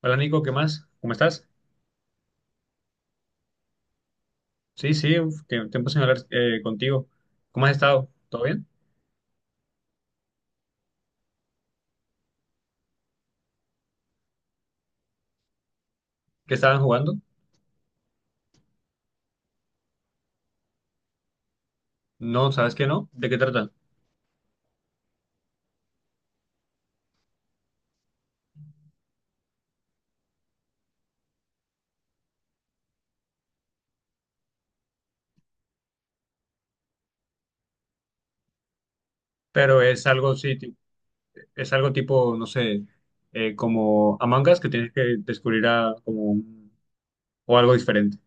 Hola Nico, ¿qué más? ¿Cómo estás? Sí, sí, uf, que tiempo sin hablar contigo. ¿Cómo has estado? ¿Todo bien? ¿Qué estaban jugando? No, ¿sabes qué no? ¿De qué tratan? Pero es algo, sí, es algo tipo, no sé, como Among Us que tienes que descubrir a, o algo diferente.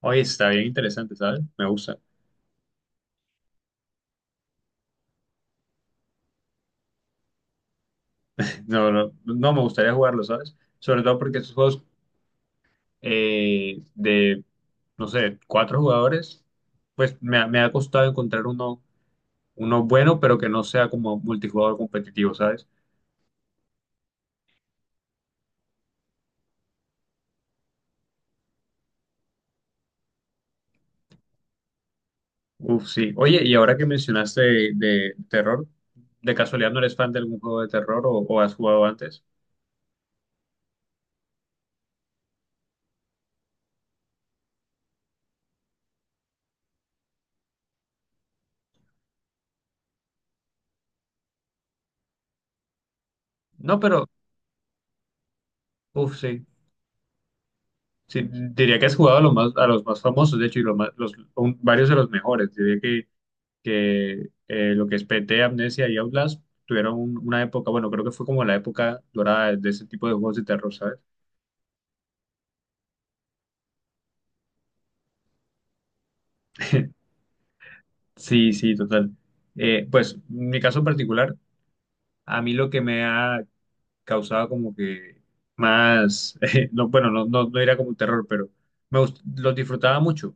Oye, está bien interesante, ¿sabes? Me gusta. No, no, no me gustaría jugarlo, ¿sabes? Sobre todo porque estos juegos eh, de, no sé, cuatro jugadores, pues me ha costado encontrar uno bueno, pero que no sea como multijugador competitivo, ¿sabes? Uf, sí. Oye, y ahora que mencionaste de terror, ¿de casualidad no eres fan de algún juego de terror o has jugado antes? No, pero, uf, sí. Sí, diría que has jugado a los más famosos, de hecho, y los más- los, un- varios de los mejores. Diría que lo que es PT, Amnesia y Outlast tuvieron una época, bueno, creo que fue como la época dorada de ese tipo de juegos de terror, ¿sabes? Sí, sí, total. En mi caso en particular, a mí lo que me ha causaba como que más, no, bueno, no, no, no era como un terror, pero los disfrutaba mucho,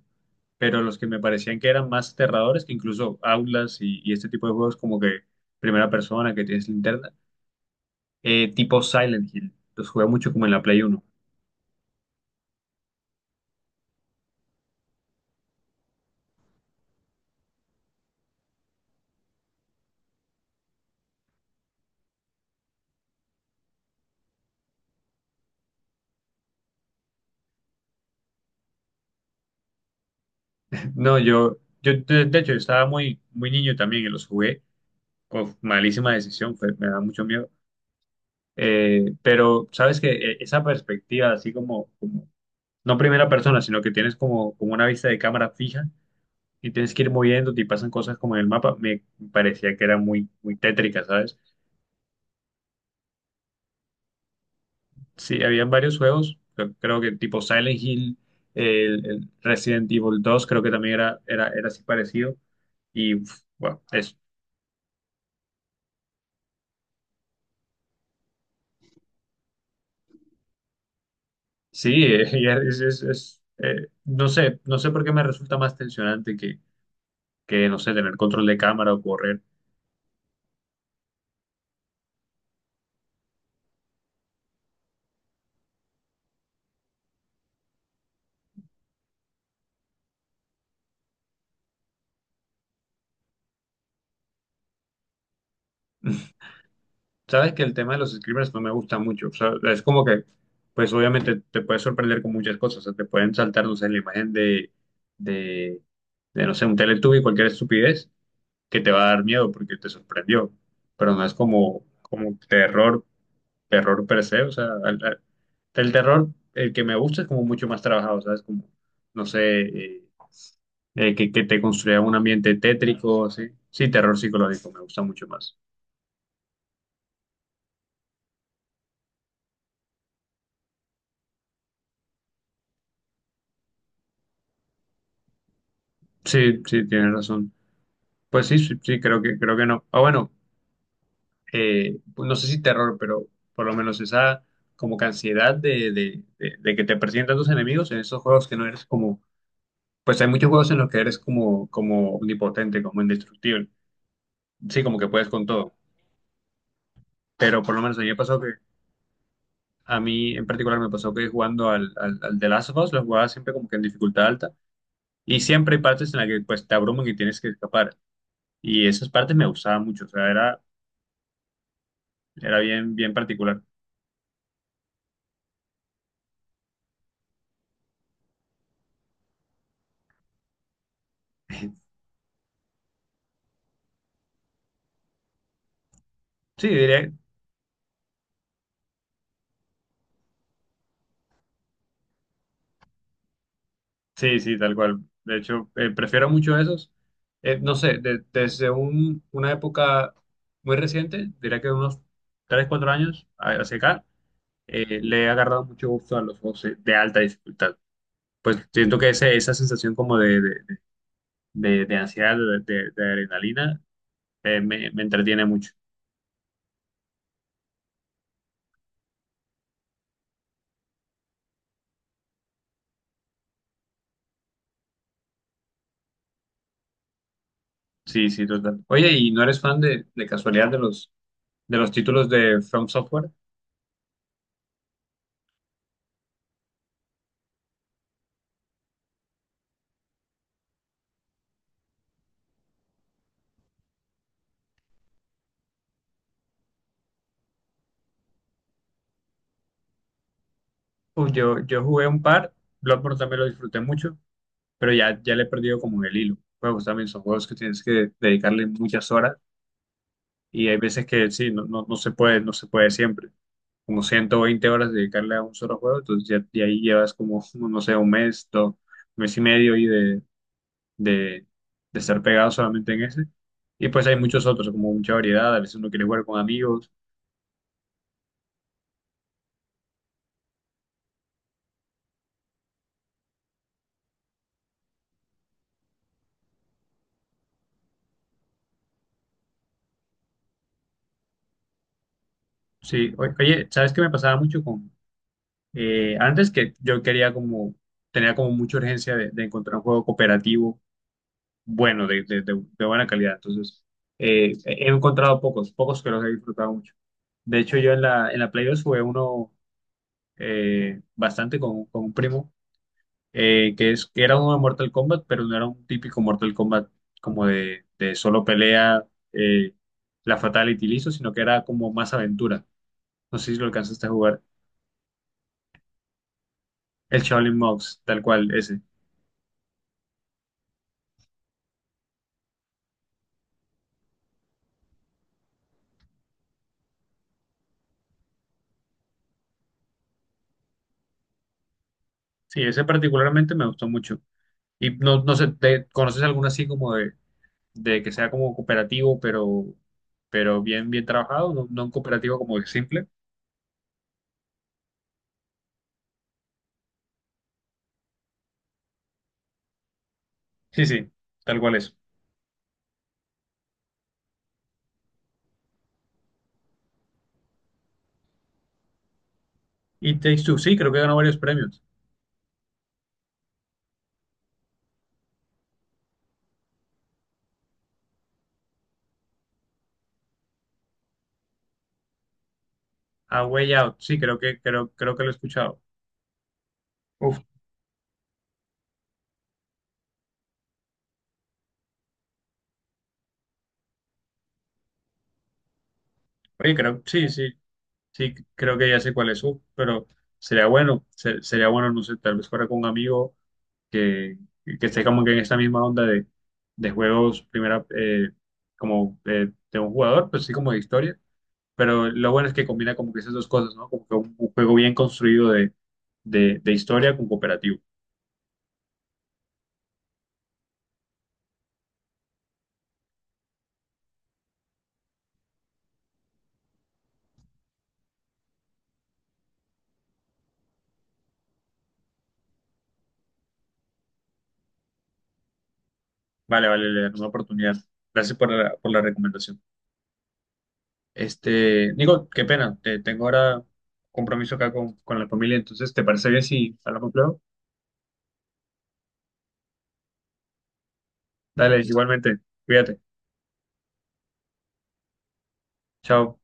pero los que me parecían que eran más aterradores, que incluso Aulas y este tipo de juegos como que primera persona que tienes linterna, tipo Silent Hill, los jugué mucho como en la Play uno. No, yo, de hecho, yo estaba muy, muy niño también y los jugué. Uf, malísima decisión, me da mucho miedo. Pero sabes que esa perspectiva, así como no primera persona, sino que tienes como una vista de cámara fija y tienes que ir moviéndote y pasan cosas como en el mapa, me parecía que era muy, muy tétrica, ¿sabes? Sí, habían varios juegos, creo que tipo Silent Hill, el Resident Evil 2 creo que también era así parecido. Y uf, bueno, es, sí, es, no sé, no sé por qué me resulta más tensionante que, no sé, tener control de cámara o correr. Sabes que el tema de los screamers no me gusta mucho. O sea, es como que, pues obviamente te puedes sorprender con muchas cosas. O sea, te pueden saltar, no sé, la imagen de, de, no sé, un Teletubby, cualquier estupidez, que te va a dar miedo porque te sorprendió. Pero no es como, como terror, terror per se. O sea, el terror, el que me gusta es como mucho más trabajado, ¿sabes? Como, no sé, que te construya un ambiente tétrico, así. Sí, terror psicológico me gusta mucho más. Sí, sí, tienes razón. Pues sí, sí, sí, creo que no. Ah, bueno, pues no sé si terror, pero por lo menos esa como que ansiedad de que te presentan tus enemigos en esos juegos que no eres como, pues hay muchos juegos en los que eres como, como omnipotente, como indestructible. Sí, como que puedes con todo. Pero por lo menos a mí me pasó que, a mí en particular me pasó que jugando al The Last of Us, lo jugaba siempre como que en dificultad alta. Y siempre hay partes en las que pues te abruman y tienes que escapar. Y esas partes me gustaban mucho, o sea, era, era bien, bien particular. Sí, diría, sí, sí, tal cual. De hecho, prefiero mucho esos. No sé, desde una época muy reciente, diría que unos 3, 4 años hacia acá, le he agarrado mucho gusto a los juegos de alta dificultad. Pues siento que esa sensación como de ansiedad, de adrenalina, me entretiene mucho. Sí, sí, total. Oye, ¿y no eres fan de casualidad de los títulos de From Software? Uf, yo jugué un par, Bloodborne también lo disfruté mucho. Pero ya le he perdido como el hilo. Juegos también son juegos que tienes que dedicarle muchas horas y hay veces que sí, no, no, no se puede, no se puede siempre. Como 120 horas dedicarle a un solo juego, entonces ya, de ahí llevas como, no sé, un mes, dos, mes y medio y de, de estar pegado solamente en ese. Y pues hay muchos otros, como mucha variedad, a veces uno quiere jugar con amigos. Sí, oye, ¿sabes qué me pasaba mucho con... antes que yo quería como, tenía como mucha urgencia de encontrar un juego cooperativo bueno, de buena calidad. Entonces, he encontrado pocos, pocos que los he disfrutado mucho. De hecho, yo en la Play 2 jugué uno bastante con un primo, que era uno de Mortal Kombat, pero no era un típico Mortal Kombat como de solo pelea, eh, la Fatality listo, sino que era como más aventura. No sé si lo alcanzaste a jugar. El Shaolin Monks, tal cual, ese. Sí, ese particularmente me gustó mucho. Y no, no sé, ¿te conoces alguno así como de que sea como cooperativo, pero bien, bien trabajado, no, no un cooperativo como simple. Sí, sí, tal cual es. Y Takes Two, sí, creo que ganó varios premios. A Way Out, sí, creo que, creo, creo que lo he escuchado. Uf, oye, creo, sí, sí, sí, creo que ya sé cuál es. Uf, pero sería bueno, sería bueno, no sé, tal vez fuera con un amigo que, que esté como que en esta misma onda de juegos, primera, como de un jugador, pues sí, como de historia, pero lo bueno es que combina como que esas dos cosas, ¿no? Como que un juego bien construido de historia con cooperativo. Vale, vale, le daré una oportunidad. Gracias por la recomendación. Este, Nico, qué pena, te, tengo ahora compromiso acá con la familia, entonces, ¿te parece bien si hablamos luego? Dale, igualmente, cuídate, chao.